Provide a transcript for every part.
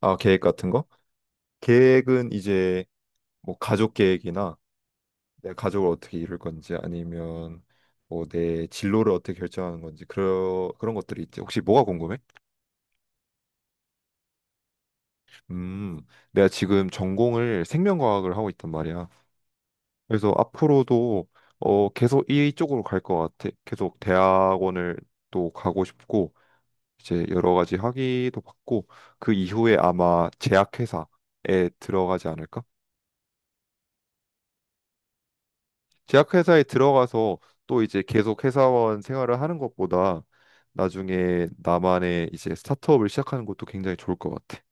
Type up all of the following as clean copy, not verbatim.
아, 계획 같은 거? 계획은 이제 뭐 가족 계획이나 내 가족을 어떻게 이룰 건지 아니면 뭐 내 진로를 어떻게 결정하는 건지 그런 것들이 있지. 혹시 뭐가 궁금해? 음, 내가 지금 전공을 생명과학을 하고 있단 말이야. 그래서 앞으로도 계속 이쪽으로 갈 것 같아. 계속 대학원을 또 가고 싶고 이제 여러 가지 학위도 받고 그 이후에 아마 제약회사에 들어가지 않을까? 제약회사에 들어가서 또 이제 계속 회사원 생활을 하는 것보다 나중에 나만의 이제 스타트업을 시작하는 것도 굉장히 좋을 것 같아.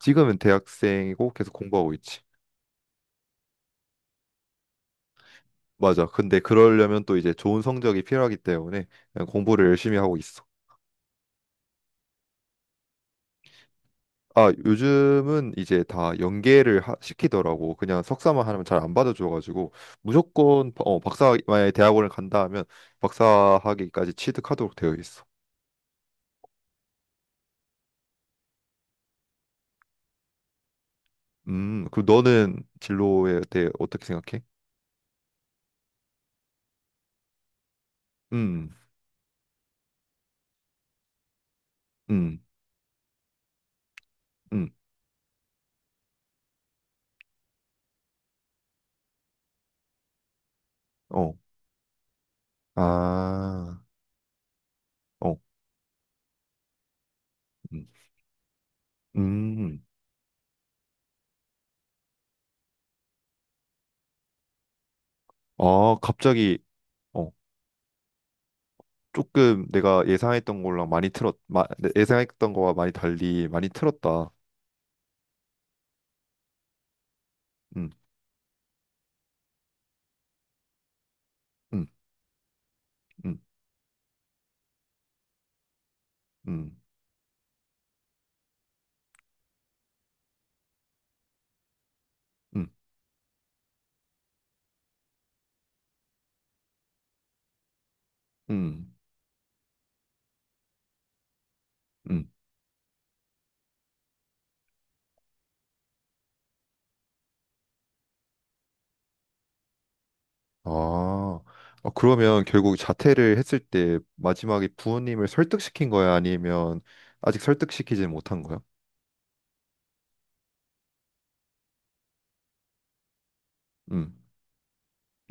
지금은 대학생이고 계속 공부하고 있지. 맞아. 근데 그러려면 또 이제 좋은 성적이 필요하기 때문에 그냥 공부를 열심히 하고 있어. 아, 요즘은 이제 다 연계를 시키더라고. 그냥 석사만 하면 잘 안 받아줘가지고 무조건 박사, 만약에 대학원을 간다 하면 박사학위까지 취득하도록 되어 있어. 그 너는 진로에 대해 어떻게 생각해? 음, 음, 음, 어, 아, 어, 음, 음, 아, 갑자기, 어, 조금 내가 예상했던 거랑 많이 예상했던 거와 많이 달리 많이 틀었다. 음, 음, 음, 음, 음, 음, 음, 아, 아, 그러면 결국 자퇴를 했을 때 마지막에 부모님을 설득시킨 거야? 아니면 아직 설득시키지 못한 거야? 음,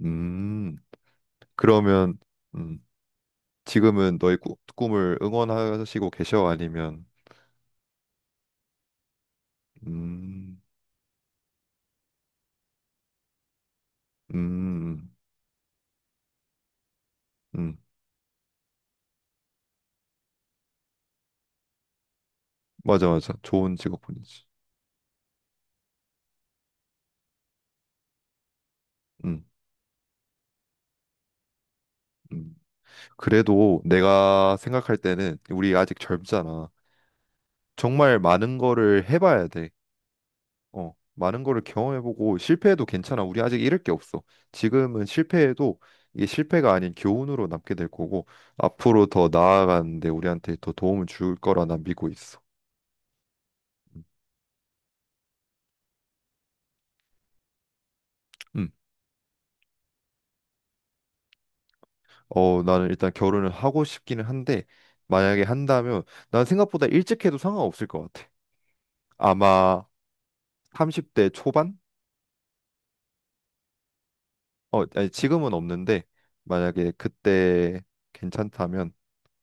음. 그러면 음, 지금은 너의 꿈을 응원하시고 계셔? 아니면 음, 음, 음, 맞아, 맞아. 좋은 직업군이지. 음, 음. 그래도 내가 생각할 때는 우리 아직 젊잖아. 정말 많은 거를 해봐야 돼. 어, 많은 거를 경험해보고 실패해도 괜찮아. 우리 아직 잃을 게 없어. 지금은 실패해도 이게 실패가 아닌 교훈으로 남게 될 거고 앞으로 더 나아가는데 우리한테 더 도움을 줄 거라 난 믿고 있어. 음. 음. 어, 나는 일단 결혼을 하고 싶기는 한데 만약에 한다면 난 생각보다 일찍 해도 상관없을 것 같아. 아마 30대 초반? 어, 아니, 지금은 없는데 만약에 그때 괜찮다면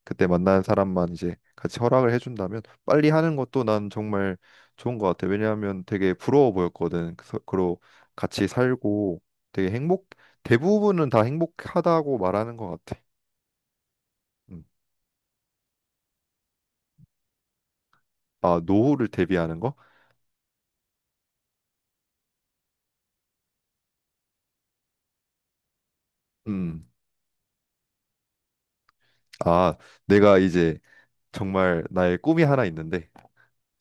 그때 만나는 사람만 이제 같이 허락을 해준다면 빨리 하는 것도 난 정말 좋은 것 같아. 왜냐하면 되게 부러워 보였거든. 그래서 그 같이 살고 되게 행복 대부분은 다 행복하다고 말하는 것 같아. 음. 아, 노후를 대비하는 거? 음. 아, 내가 이제 정말 나의 꿈이 하나 있는데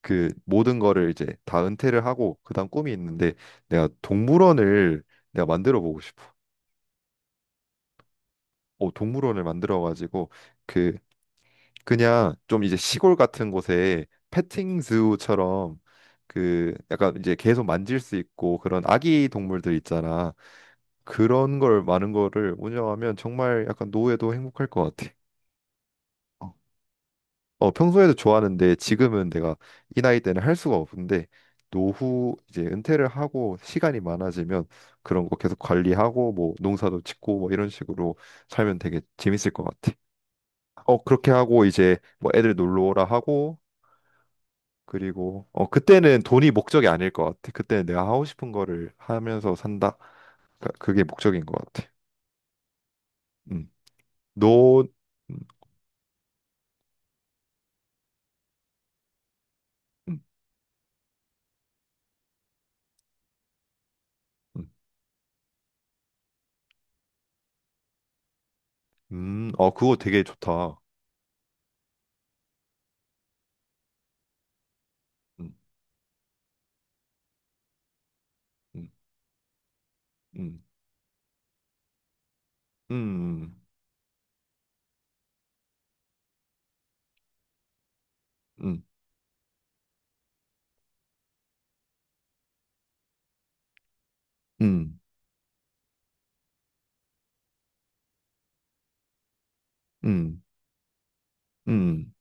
그 모든 거를 이제 다 은퇴를 하고 그다음 꿈이 있는데 내가 동물원을 내가 만들어 보고 싶어. 어, 동물원을 만들어 가지고 그 그냥 좀 이제 시골 같은 곳에 패팅 즈우처럼 그 약간 이제 계속 만질 수 있고 그런 아기 동물들 있잖아. 그런 걸 많은 거를 운영하면 정말 약간 노후에도 행복할 것 같아. 어, 평소에도 좋아하는데 지금은 내가 이 나이 때는 할 수가 없는데 노후 이제 은퇴를 하고 시간이 많아지면 그런 거 계속 관리하고 뭐 농사도 짓고 뭐 이런 식으로 살면 되게 재밌을 것 같아. 어, 그렇게 하고 이제 뭐 애들 놀러 오라 하고 그리고 어, 그때는 돈이 목적이 아닐 것 같아. 그때는 내가 하고 싶은 거를 하면서 산다. 그게 목적인 것 같아. 음. 너 음, 음, 음. 어, 그거 되게 좋다. 음, 음, 음, 음. 음. 음, 음, 음,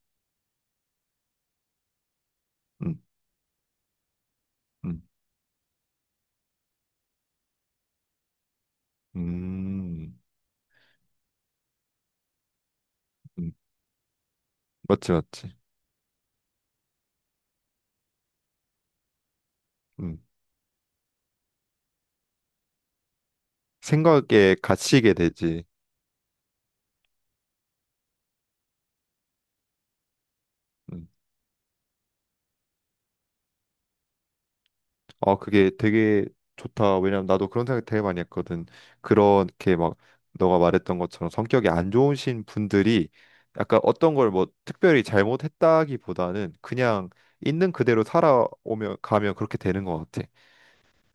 음, 음, 음, 음. 맞지, 맞지. 음. 생각에 갇히게 되지. 음. 어, 그게 되게 좋다. 왜냐면 나도 그런 생각 되게 많이 했거든. 그렇게 막 너가 말했던 것처럼 성격이 안 좋으신 분들이 약간 어떤 걸 뭐 특별히 잘못했다기보다는 그냥 있는 그대로 살아오며 가면 그렇게 되는 것 같아.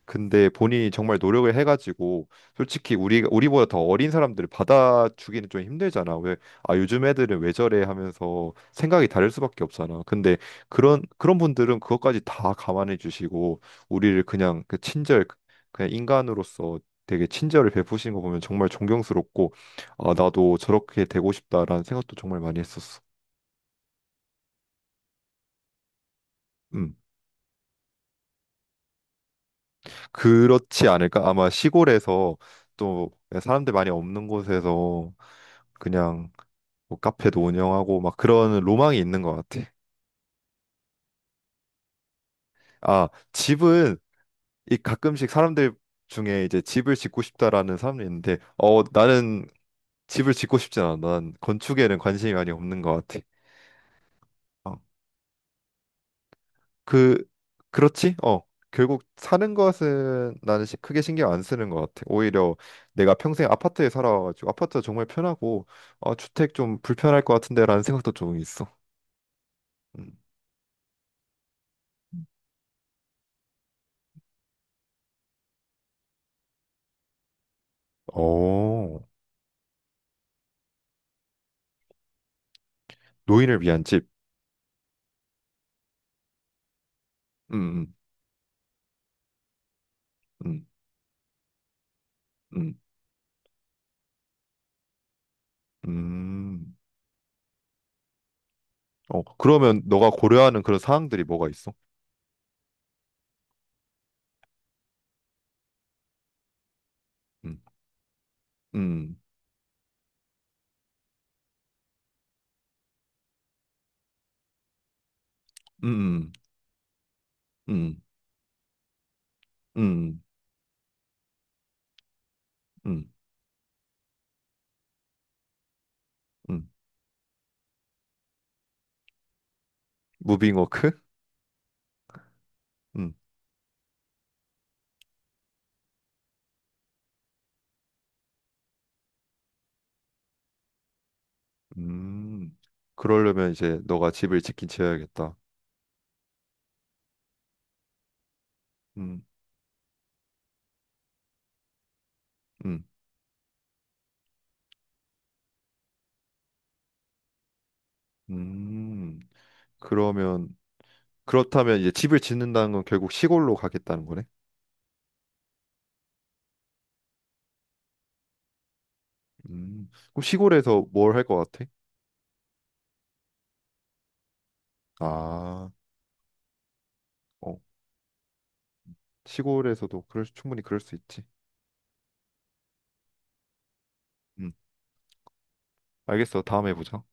근데 본인이 정말 노력을 해가지고 솔직히 우리보다 더 어린 사람들을 받아주기는 좀 힘들잖아. 왜 아 요즘 애들은 왜 저래 하면서 생각이 다를 수밖에 없잖아. 근데 그런 분들은 그것까지 다 감안해 주시고 우리를 그냥 그 친절 그냥 인간으로서 되게 친절을 베푸시는 거 보면 정말 존경스럽고 아 나도 저렇게 되고 싶다라는 생각도 정말 많이 했었어. 음. 그렇지 않을까? 아마 시골에서 또 사람들 많이 없는 곳에서 그냥 뭐 카페도 운영하고 막 그런 로망이 있는 것 같아. 아, 집은 이 가끔씩 사람들 중에 이제 집을 짓고 싶다라는 사람이 있는데, 어, 나는 집을 짓고 싶지 않아. 난 건축에는 관심이 많이 없는 것 같아. 어. 그 그렇지? 어. 결국 사는 것은 나는 크게 신경 안 쓰는 것 같아. 오히려 내가 평생 아파트에 살아가지고 아파트가 정말 편하고 어, 주택 좀 불편할 것 같은데라는 생각도 좀 있어. 음. 어, 노인을 위한 집. 음, 음, 음, 음. 어, 그러면 너가 고려하는 그런 사항들이 뭐가 있어? 음, 음, 음, 음, 음, 음, 음. 음. 무빙워크? 음, 음. 그러려면 이제 너가 집을 짓긴 지어야겠다. 음, 음, 음. 그러면 그렇다면 이제 집을 짓는다는 건 결국 시골로 가겠다는 거네. 음. 그럼 시골에서 뭘 할 것 같아? 아, 어, 시골에서도 그럴 충분히 그럴 수 있지. 음, 알겠어. 다음에 보자.